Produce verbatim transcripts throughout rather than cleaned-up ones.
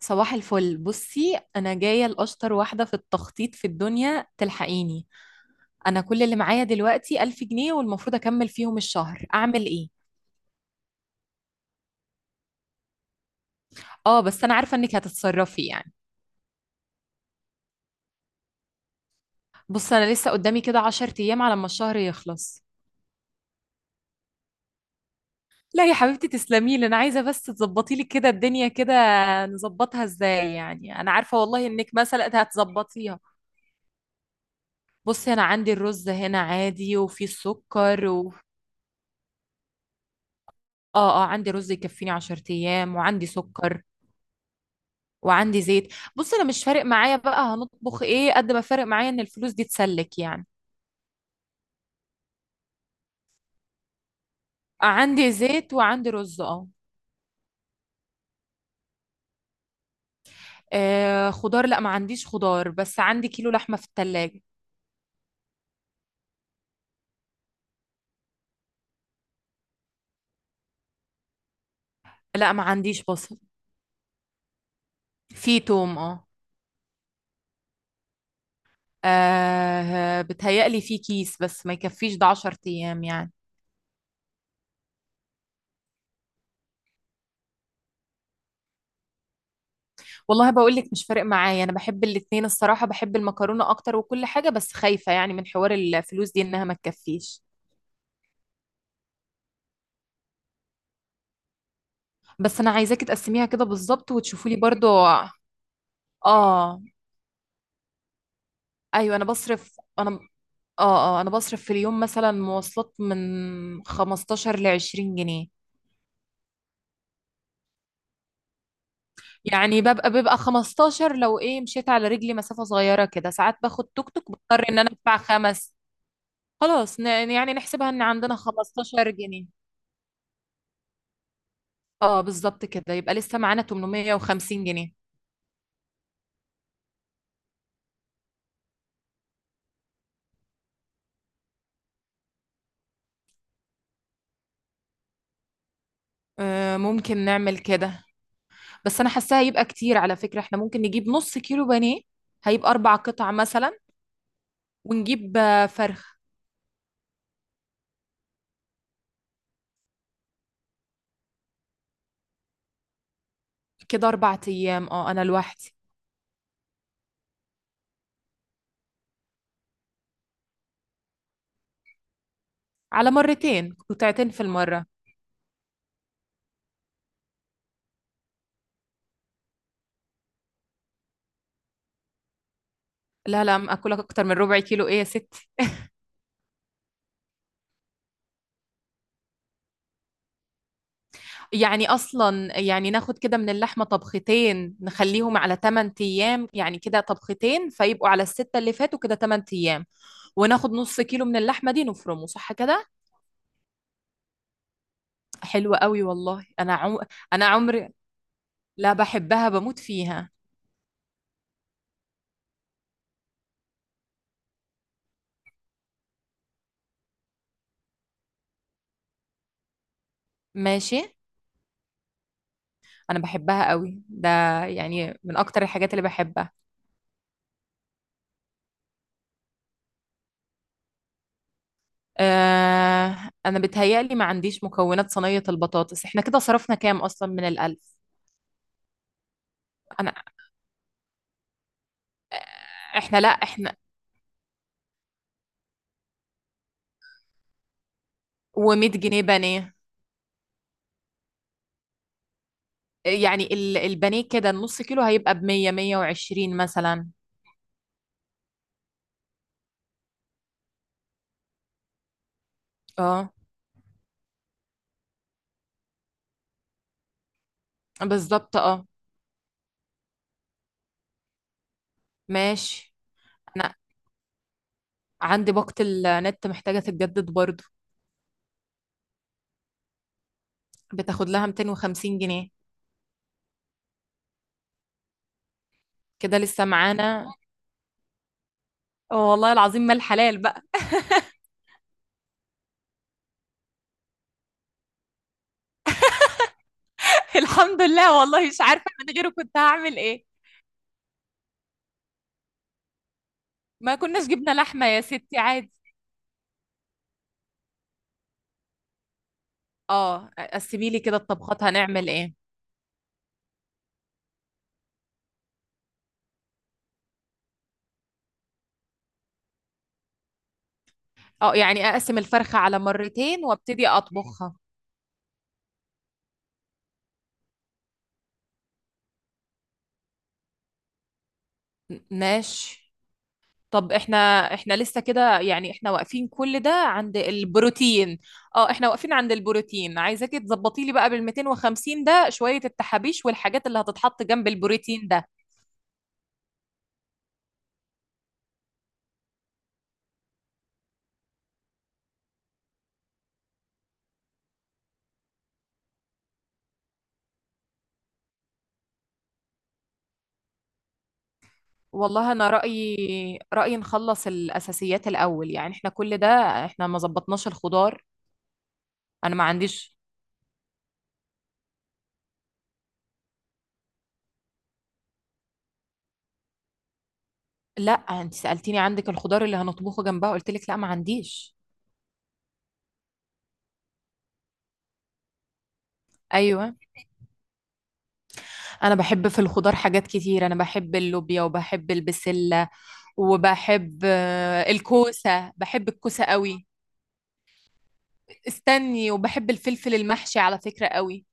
صباح الفل. بصي، انا جايه لاشطر واحده في التخطيط في الدنيا، تلحقيني؟ انا كل اللي معايا دلوقتي ألف جنيه والمفروض اكمل فيهم الشهر، اعمل ايه؟ اه، بس انا عارفه انك هتتصرفي يعني. بص، انا لسه قدامي كده عشر أيام ايام على ما الشهر يخلص. لا يا حبيبتي، تسلمي لي، انا عايزه بس تظبطي لي كده الدنيا كده. نظبطها ازاي يعني؟ انا عارفه والله انك مثلا هتظبطيها. بصي، انا عندي الرز هنا عادي، وفي السكر و... اه اه، عندي رز يكفيني عشر أيام ايام وعندي سكر. وعندي زيت. بص، انا مش فارق معايا بقى هنطبخ ايه، قد ما فارق معايا ان الفلوس دي تسلك يعني. آه، عندي زيت وعندي رز، اه. آه، خضار، لا ما عنديش خضار، بس عندي كيلو لحمة في التلاجة. لا، ما عنديش بصل. في توم، اه. آه، بتهيألي في كيس بس ما يكفيش ده عشر أيام ايام يعني. والله بقول لك مش فارق معايا، انا بحب الاتنين الصراحة، بحب المكرونة اكتر وكل حاجة، بس خايفة يعني من حوار الفلوس دي انها ما تكفيش. بس انا عايزاكي تقسميها كده بالظبط وتشوفولي برضو. اه. ايوه، انا بصرف انا اه اه، انا بصرف في اليوم مثلا مواصلات من خمستاشر ل عشرين جنيه. يعني ببقى بيبقى خمستاشر لو ايه مشيت على رجلي مسافة صغيرة كده، ساعات باخد توك توك بضطر ان انا ادفع خمس. خلاص، ن- يعني نحسبها ان عندنا خمستاشر جنيه. اه بالظبط كده، يبقى لسه معانا ثمنمية وخمسين جنيه. آه، ممكن نعمل كده. بس انا حاساها هيبقى كتير على فكرة، احنا ممكن نجيب نص كيلو بانيه، هيبقى اربع قطع مثلا. ونجيب آه، فرخ. كده أربع أيام، أه أنا لوحدي. على مرتين، قطعتين في المرة. لا لا، أم اكلك اكتر من ربع كيلو ايه يا ستي. يعني اصلا يعني ناخد كده من اللحمة طبختين، نخليهم على تمانية أيام ايام، يعني كده طبختين فيبقوا على الستة اللي فاتوا كده تمانية أيام ايام. وناخد نص كيلو من اللحمة دي نفرمه، صح كده؟ حلوة قوي والله، انا عم... انا عمري... لا، بحبها بموت فيها. ماشي. انا بحبها قوي ده، يعني من اكتر الحاجات اللي بحبها. آه، انا بتهيألي ما عنديش مكونات صينية البطاطس. احنا كده صرفنا كام اصلا من الالف؟ انا، احنا، لا، احنا و100 جنيه بانيه. يعني ال- البانيه كده النص كيلو هيبقى ب مية مية وعشرين مثلا. اه بالظبط، اه. ماشي. انا عندي باقة النت محتاجة تتجدد برضو، بتاخد لها ميتين وخمسين جنيه. كده لسه معانا. آه، والله العظيم، ما الحلال بقى. الحمد لله، والله مش عارفة من غيره كنت هعمل ايه. ما كناش جبنا لحمة يا ستي، عادي. اه، قسمي لي كده الطبخات هنعمل ايه. اه، يعني اقسم الفرخة على مرتين وابتدي اطبخها. م- ماشي. طب احنا احنا لسه كده، يعني احنا واقفين كل ده عند البروتين. اه احنا واقفين عند البروتين، عايزاكي تظبطي لي بقى بال ميتين وخمسين ده شوية التحابيش والحاجات اللي هتتحط جنب البروتين ده. والله انا رأيي رأيي نخلص الاساسيات الاول، يعني احنا كل ده احنا ما ظبطناش الخضار. انا ما عنديش. لا، انت سألتيني عندك الخضار اللي هنطبخه جنبها، قلت لك لا ما عنديش. ايوه، انا بحب في الخضار حاجات كتير، انا بحب اللوبيا وبحب البسلة وبحب آه، الكوسة، بحب الكوسة قوي. استني، وبحب الفلفل المحشي على فكرة قوي.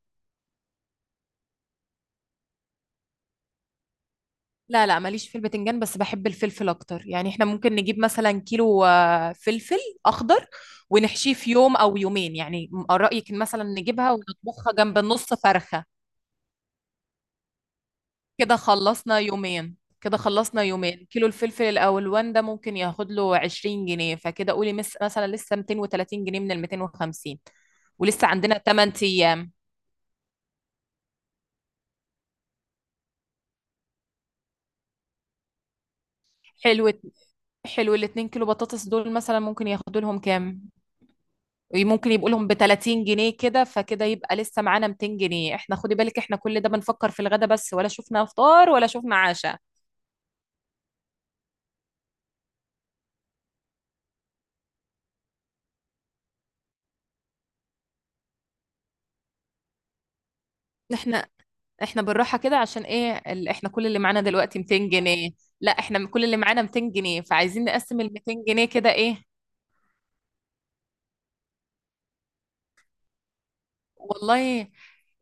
لا لا، ماليش في البتنجان بس بحب الفلفل اكتر، يعني احنا ممكن نجيب مثلا كيلو آه، فلفل اخضر، ونحشيه في يوم او يومين. يعني م- رأيك إن مثلا نجيبها ونطبخها جنب النص فرخة، كده خلصنا يومين. كده خلصنا يومين. كيلو الفلفل الألوان ده ممكن ياخد له عشرين جنيه، فكده قولي مس مثلا لسه ميتين وتلاتين جنيه من ال ميتين وخمسين، ولسه عندنا 8 أيام. حلو. حلو، ال اثنين كيلو بطاطس دول مثلا ممكن ياخدوا لهم كام؟ ممكن يبقوا لهم ب تلاتين جنيه كده، فكده يبقى لسه معانا ميتين جنيه. احنا خدي بالك احنا كل ده بنفكر في الغدا بس، ولا شفنا فطار ولا شفنا عشاء. احنا احنا بالراحة كده عشان ايه، ال- احنا كل اللي معانا دلوقتي ميتين جنيه، لا احنا كل اللي معانا ميتين جنيه، فعايزين نقسم ال ميتين جنيه كده ايه. والله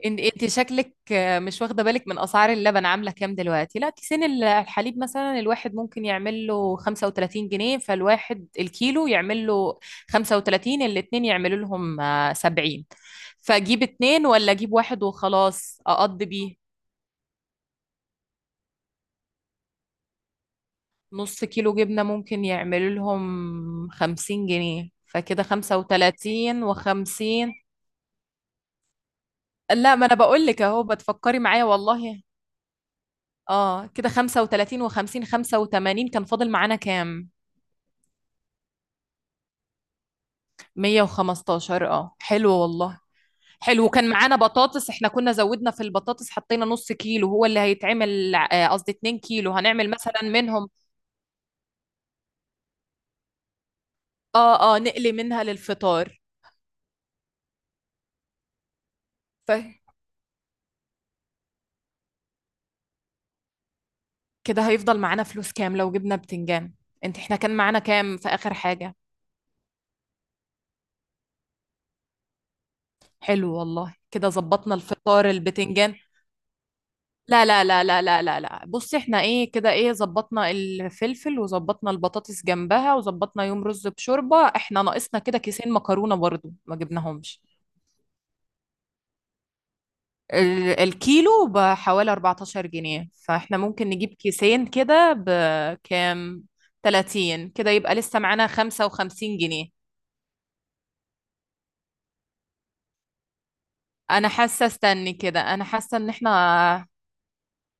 ان انت شكلك آه، مش واخدة بالك من اسعار اللبن، عاملة كام دلوقتي. لا كيسين ال- الحليب مثلا، الواحد ممكن يعمل له خمسة وتلاتين جنيه، فالواحد الكيلو يعمل له خمسة وتلاتين، الاتنين يعملوا لهم آه، سبعين. فاجيب اتنين ولا اجيب واحد وخلاص اقضي بيه. نص كيلو جبنة ممكن يعمل لهم خمسين جنيه، فكده خمسة وتلاتين وخمسين. لا، ما أنا بقول لك أهو بتفكري معايا والله. اه كده خمسة وتلاتين وخمسين، خمسة وتمانين، كان فاضل معانا كام؟ مية وخمستاشر. اه حلو والله. حلو، كان معانا بطاطس، احنا كنا زودنا في البطاطس، حطينا نص كيلو هو اللي هيتعمل آه، قصدي اتنين كيلو، هنعمل مثلا منهم. اه اه نقلي منها للفطار. ف... كده هيفضل معانا فلوس كام لو جبنا بتنجان؟ انت احنا كان معانا كام في اخر حاجة؟ حلو والله، كده ظبطنا الفطار البتنجان. لا لا لا لا لا لا لا، بصي احنا ايه كده، ايه ظبطنا الفلفل وظبطنا البطاطس جنبها وظبطنا يوم رز بشوربة، احنا ناقصنا كده كيسين مكرونة برضو ما جبناهمش. ال- الكيلو بحوالي أربعتاشر جنيه، فاحنا ممكن نجيب كيسين كده بكام، تلاتين؟ كده يبقى لسه معانا خمسة وخمسين جنيه. انا حاسه، استني كده، انا حاسه ان احنا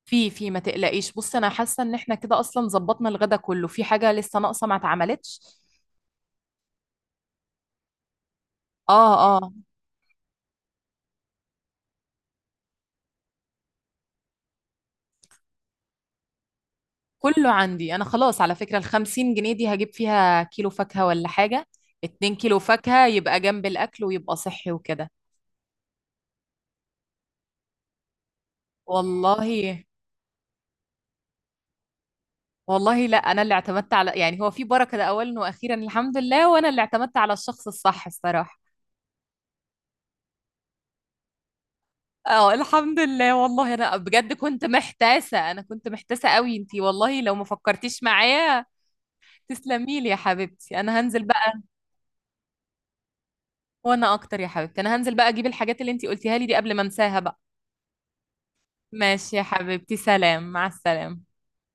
في في ما تقلقيش. بص انا حاسه ان احنا كده اصلا ظبطنا الغدا كله، في حاجه لسه ناقصه ما اتعملتش. اه اه كله عندي انا، خلاص على فكره الخمسين جنيه دي هجيب فيها كيلو فاكهه ولا حاجه، اتنين كيلو فاكهه، يبقى جنب الاكل ويبقى صحي وكده. والله، والله لا، انا اللي اعتمدت على يعني هو في بركه ده اولا واخيرا الحمد لله، وانا اللي اعتمدت على الشخص الصح الصراحه. اه الحمد لله والله، انا بجد كنت محتاسه، انا كنت محتاسه قوي انتي والله لو ما فكرتيش معايا. تسلمي لي يا حبيبتي، انا هنزل بقى. وانا اكتر يا حبيبتي، انا هنزل بقى اجيب الحاجات اللي انتي قلتيها لي دي قبل ما انساها بقى. ماشي يا حبيبتي، سلام، مع السلامه.